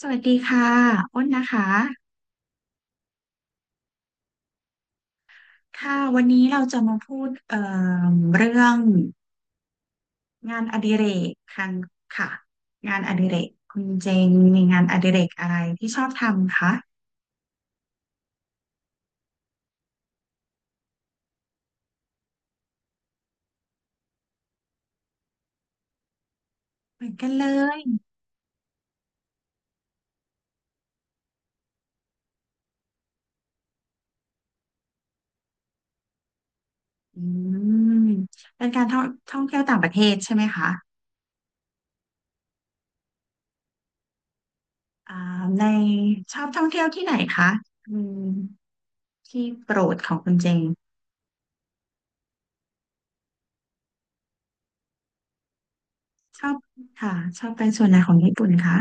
สวัสดีค่ะอ้นนะคะค่ะวันนี้เราจะมาพูดเรื่องงานอดิเรกคันค่ะงานอดิเรกคุณเจงมีงานอดิเรกอะไรที่ชอบทำคะเหมือนกันเลยอืมเป็นการท่องเที่ยวต่างประเทศใช่ไหมคะอ่าในชอบท่องเที่ยวที่ไหนคะอืมที่โปรดของคุณเจงชอบค่ะชอบไปส่วนไหนของญี่ปุ่นคะ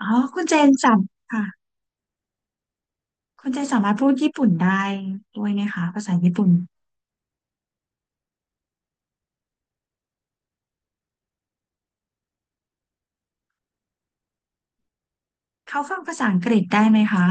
อ๋อคุณเจนจำค่ะ คุณเจสามารถพูดญี่ปุ่นได้ด้วยไหมคะภาษาญี่ปุ่นเขาฟังภาษาอังกฤษได้ไหมคะ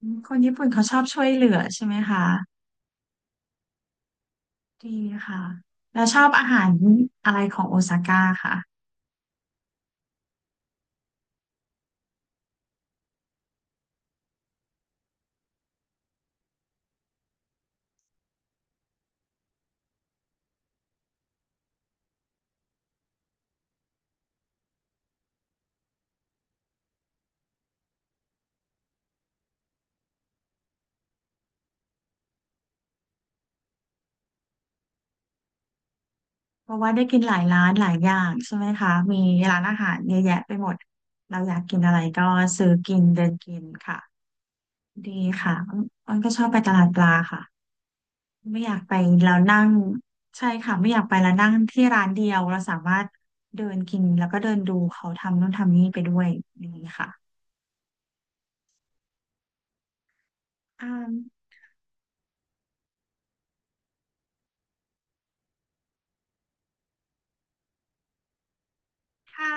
อืมคนญี่ปุ่นเขาชอบช่วยเหลือใช่ไหมคะดีค่ะแล้วชอบอาหารอะไรของโอซาก้าค่ะเพราะว่าได้กินหลายร้านหลายอย่างใช่ไหมคะมีร้านอาหารเยอะแยะไปหมดเราอยากกินอะไรก็ซื้อกินเดินกินค่ะดีค่ะอ้นก็ชอบไปตลาดปลาค่ะ ไม่อยากไปแล้วนั่งใช่ค่ะไม่อยากไปแล้วนั่งที่ร้านเดียวเราสามารถเดินกินแล้วก็เดินดูเขาทำนู่นทำนี่ไปด้วยอย่างนี้ค่ะอ่าถ้า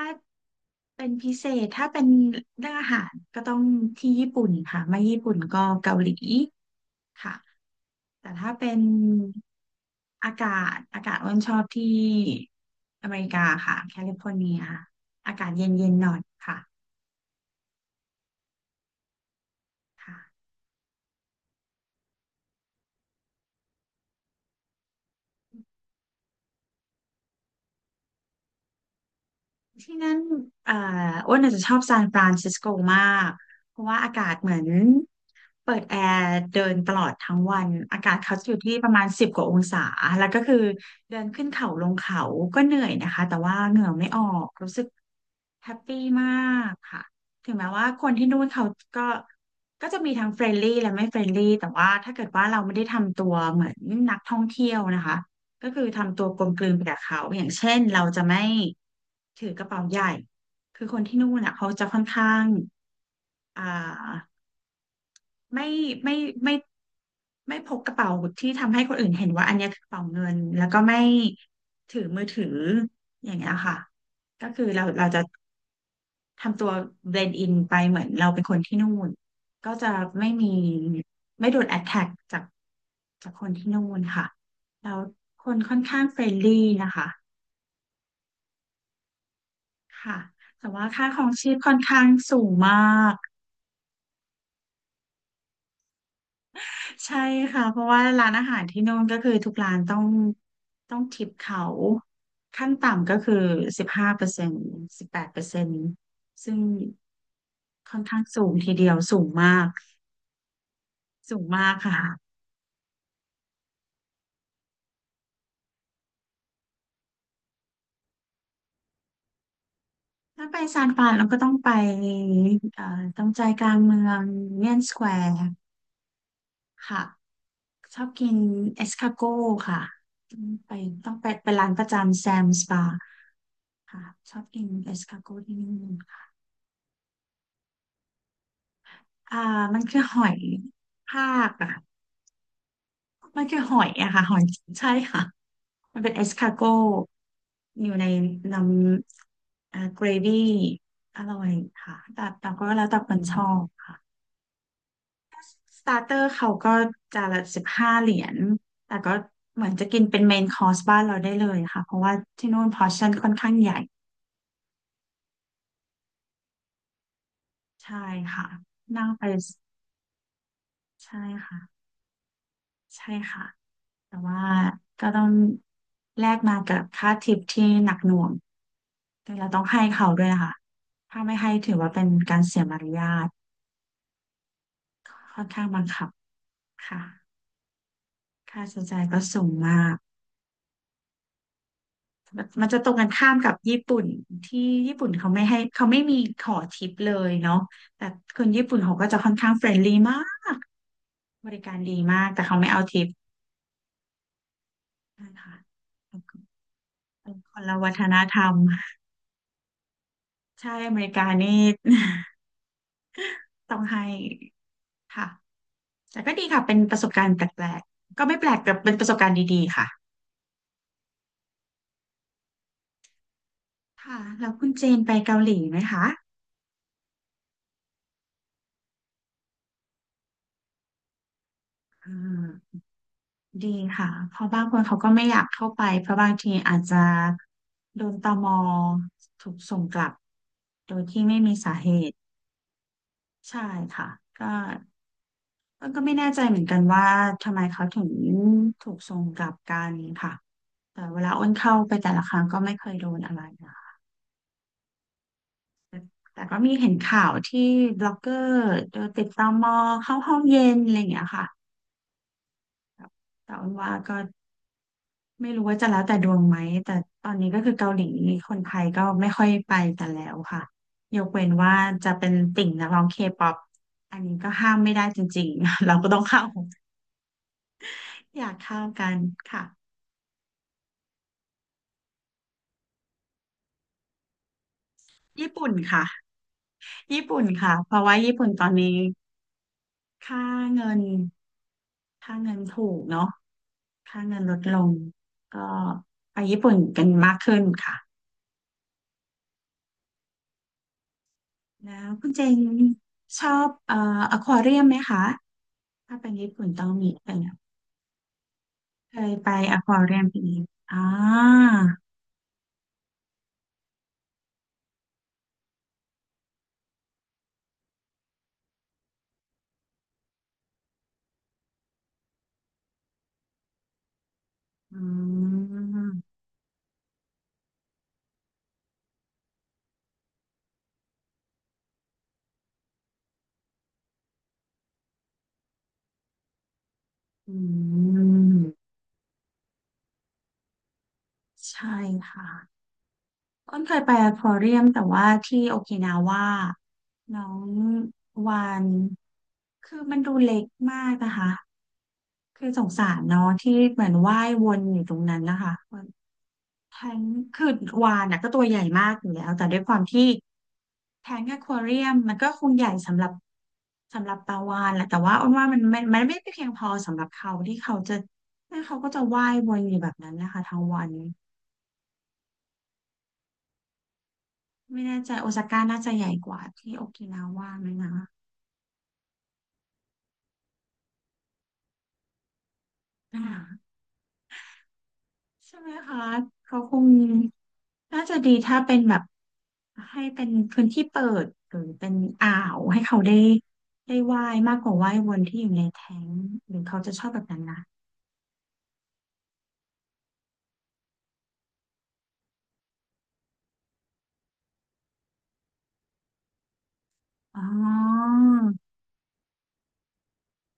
เป็นพิเศษถ้าเป็นเรื่องอาหารก็ต้องที่ญี่ปุ่นค่ะไม่ญี่ปุ่นก็เกาหลีค่ะแต่ถ้าเป็นอากาศอากาศอ้นชอบที่อเมริกาค่ะแคลิฟอร์เนียอากาศเย็นๆหน่อยค่ะค่ะ ที่นั่นอ่าอ้วนอาจจะชอบซานฟรานซิสโกมาก เพราะว่าอากาศเหมือนเปิดแอร์เดินตลอดทั้งวันอากาศเขาจะอยู่ที่ประมาณ10 กว่าองศาแล้วก็คือเดินขึ้นเขาลงเขาก็เหนื่อยนะคะแต่ว่าเหงื่อไม่ออกรู้สึก แฮปปี้มากค่ะถึงแม้ว่าคนที่นู่นเขาก็ก็จะมีทั้งเฟรนลี่และไม่เฟรนลี่แต่ว่าถ้าเกิดว่าเราไม่ได้ทำตัวเหมือนนักท่องเที่ยวนะคะก็คือทำตัวกลมกลืนไปกับเขาอย่างเช่นเราจะไม่ถือกระเป๋าใหญ่คือคนที่นู่นอ่ะเขาจะค่อนข้างอ่าไม่ไม่ไม่ไม่พกกระเป๋าที่ทำให้คนอื่นเห็นว่าอันเนี้ยคือกระเป๋าเงินแล้วก็ไม่ถือมือถืออย่างเงี้ยค่ะก็คือเราจะ ทำตัวเบลนด์อินไปเหมือนเราเป็นคนที่นู่นก็จะไม่มีไม่โดนแอ t แทกจากคนที่นู่นค่ะแล้วคนค่อนข้างเฟรนลี่นะคะค่ะแต่ว่าค่าครองชีพค่อนข้างสูงมากใช่ค่ะเพราะว่าร้านอาหารที่นู่นก็คือทุกร้านต้องทิปเขาขั้นต่ำก็คือ15%18%ซึ่งค่อนข้างสูงทีเดียวสูงมากสูงมากค่ะ ถ้าไปซานฟรานเราก็ต้องไปเอ่อตรงใจกลางเมืองยูเนียนสแควร์ค่ะชอบกินเอสคาโก้ค่ะต้องไปต้องไปเป็นร้านประจำแซมสปาค่ะชอบกินเอสคาโก้ที่นี่ค่ะอ่ามันคือหอยทากอะมันคือหอยอะค่ะหอยใช่ค่ะมันเป็นเอสคาโก้อยู่ในน้ำเกรวี่อร่อยค่ะแต่ก็แล้วแต่คนชอบค่ะ สตาร์เตอร์เขาก็จานละ15 เหรียญแต่ก็เหมือนจะกินเป็นเมนคอร์สบ้านเราได้เลยค่ะ เพราะว่าที่นู่นพอร์ชั่นค่อนข้างใหญ่ใช่ค่ะนั่งไปใช่ค่ะใช่ค่ะแต่ว่าก็ต้องแลกมากับค่าทิปที่หนักหน่วงแต่เราต้องให้เขาด้วยนะคะถ้าไม่ให้ถือว่าเป็นการเสียมารยาทค่อนข้างบังคับค่ะค่าใช้จ่ายก็สูงมาก มันจะตรงกันข้ามกับญี่ปุ่นที่ญี่ปุ่นเขาไม่ให้เขาไม่มีขอทิปเลยเนาะแต่คนญี่ปุ่นเขาก็จะค่อนข้างเฟรนลี่มากบริการดีมากแต่เขาไม่เอาทิปนะคะเป็นคนละวัฒนธรรมใช่อเมริกานี่ ต้องให้ค่ะแต่ก็ดีค่ะเป็นประสบการณ์แปลกๆก็ไม่แปลกแต่เป็นประสบการณ์ดีๆค่ะค่ะแล้วคุณเจนไปเกาหลีไหมคะอ่า ดีค่ะเพราะบางคนเขาก็ไม่อยากเข้าไปเพราะบางทีอาจจะโดนตมถูกส่งกลับโดยที่ไม่มีสาเหตุใช่ค่ะก็ก็ไม่แน่ใจเหมือนกันว่าทำไมเขาถึงถูกส่งกลับกันค่ะแต่เวลาอ้นเข้าไปแต่ละครั้งก็ไม่เคยโดนอะไรนะคะแต่ก็มีเห็นข่าวที่บล็อกเกอร์โดนติดตมเข้าห้องเย็นอะไรอย่างเงี้ยค่ะแต่อ้นว่าก็ ไม่รู้ว่าจะแล้วแต่ดวงไหมแต่ตอนนี้ก็คือเกาหลีคนไทยก็ไม่ค่อยไปกันแล้วค่ะยกเว้นว่าจะเป็นติ่งนักร้องเคป๊อปอันนี้ก็ห้ามไม่ได้จริงๆ เราก็ต้องเข้าอยากเข้ากันค่ะญี่ปุ่นค่ะญี่ปุ่นค่ะเพราะว่าญี่ปุ่นตอนนี้ค่าเงินค่าเงินถูกเนาะค่าเงินลดลงก็ไปญี่ปุ่นกันมากขึ้นค่ะแล้วคุณเจนชอบอควาเรียมไหมคะถ้าเป็นญี่ปุ่นต้องมีเป็น เคยไปอควาเรียมพีกอ่าอืมอืมใช่ค่ะอ้นเคยไปอควาเรียมแต่ว่าที่โอกินาว่าน้องวาน คือมันดูเล็กมากนะคะ คือสงสารเนาะที่เหมือนว่ายวนอยู่ตรงนั้นนะคะทั้งคือวานน่ะก็ตัวใหญ่มากอยู่แล้วแต่ด้วยความที่ แทงอควาเรียมมันก็คงใหญ่สำหรับสำหรับปลาวาฬแหละแต่ว่าอ้นว่ามันไม่เพียงพอสำหรับเขาที่เขาจะ่เขาก็จะว่ายวนอยู่แบบนั้นนะคะทั้งวันไม่แน่ใจโอซาก้าน่าจะใหญ่กว่าที่โอกินาว่าไหมนะอ่าใช่ไหมคะเขาคงน่าจะดีถ้าเป็นแบบให้เป็นพื้นที่เปิดหรือเป็นอ่าวให้เขาได้ได้ว่ายมากกว่าว่ายวนที่อยู่ในแท้งหรือเขาจะชอบแบบนั้นนะอ๋อ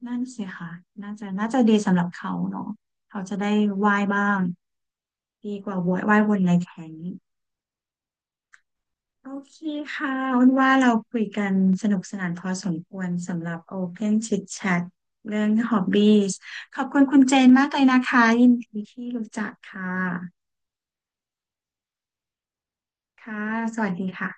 นั่นสิค่ะน่าจะน่าจะดีสำหรับเขาเนาะเขาจะได้ว่ายบ้างดีกว่าว่ายวนในแข็งโอเคค่ะอ้นว่าเราคุยกันสนุกสนานพอสมควรสำหรับ Open Chit Chat เรื่อง Hobbies ขอบคุณคุณเจนมากเลยนะคะยินดีที่รู้จักค่ะค่ะสวัสดีค่ะ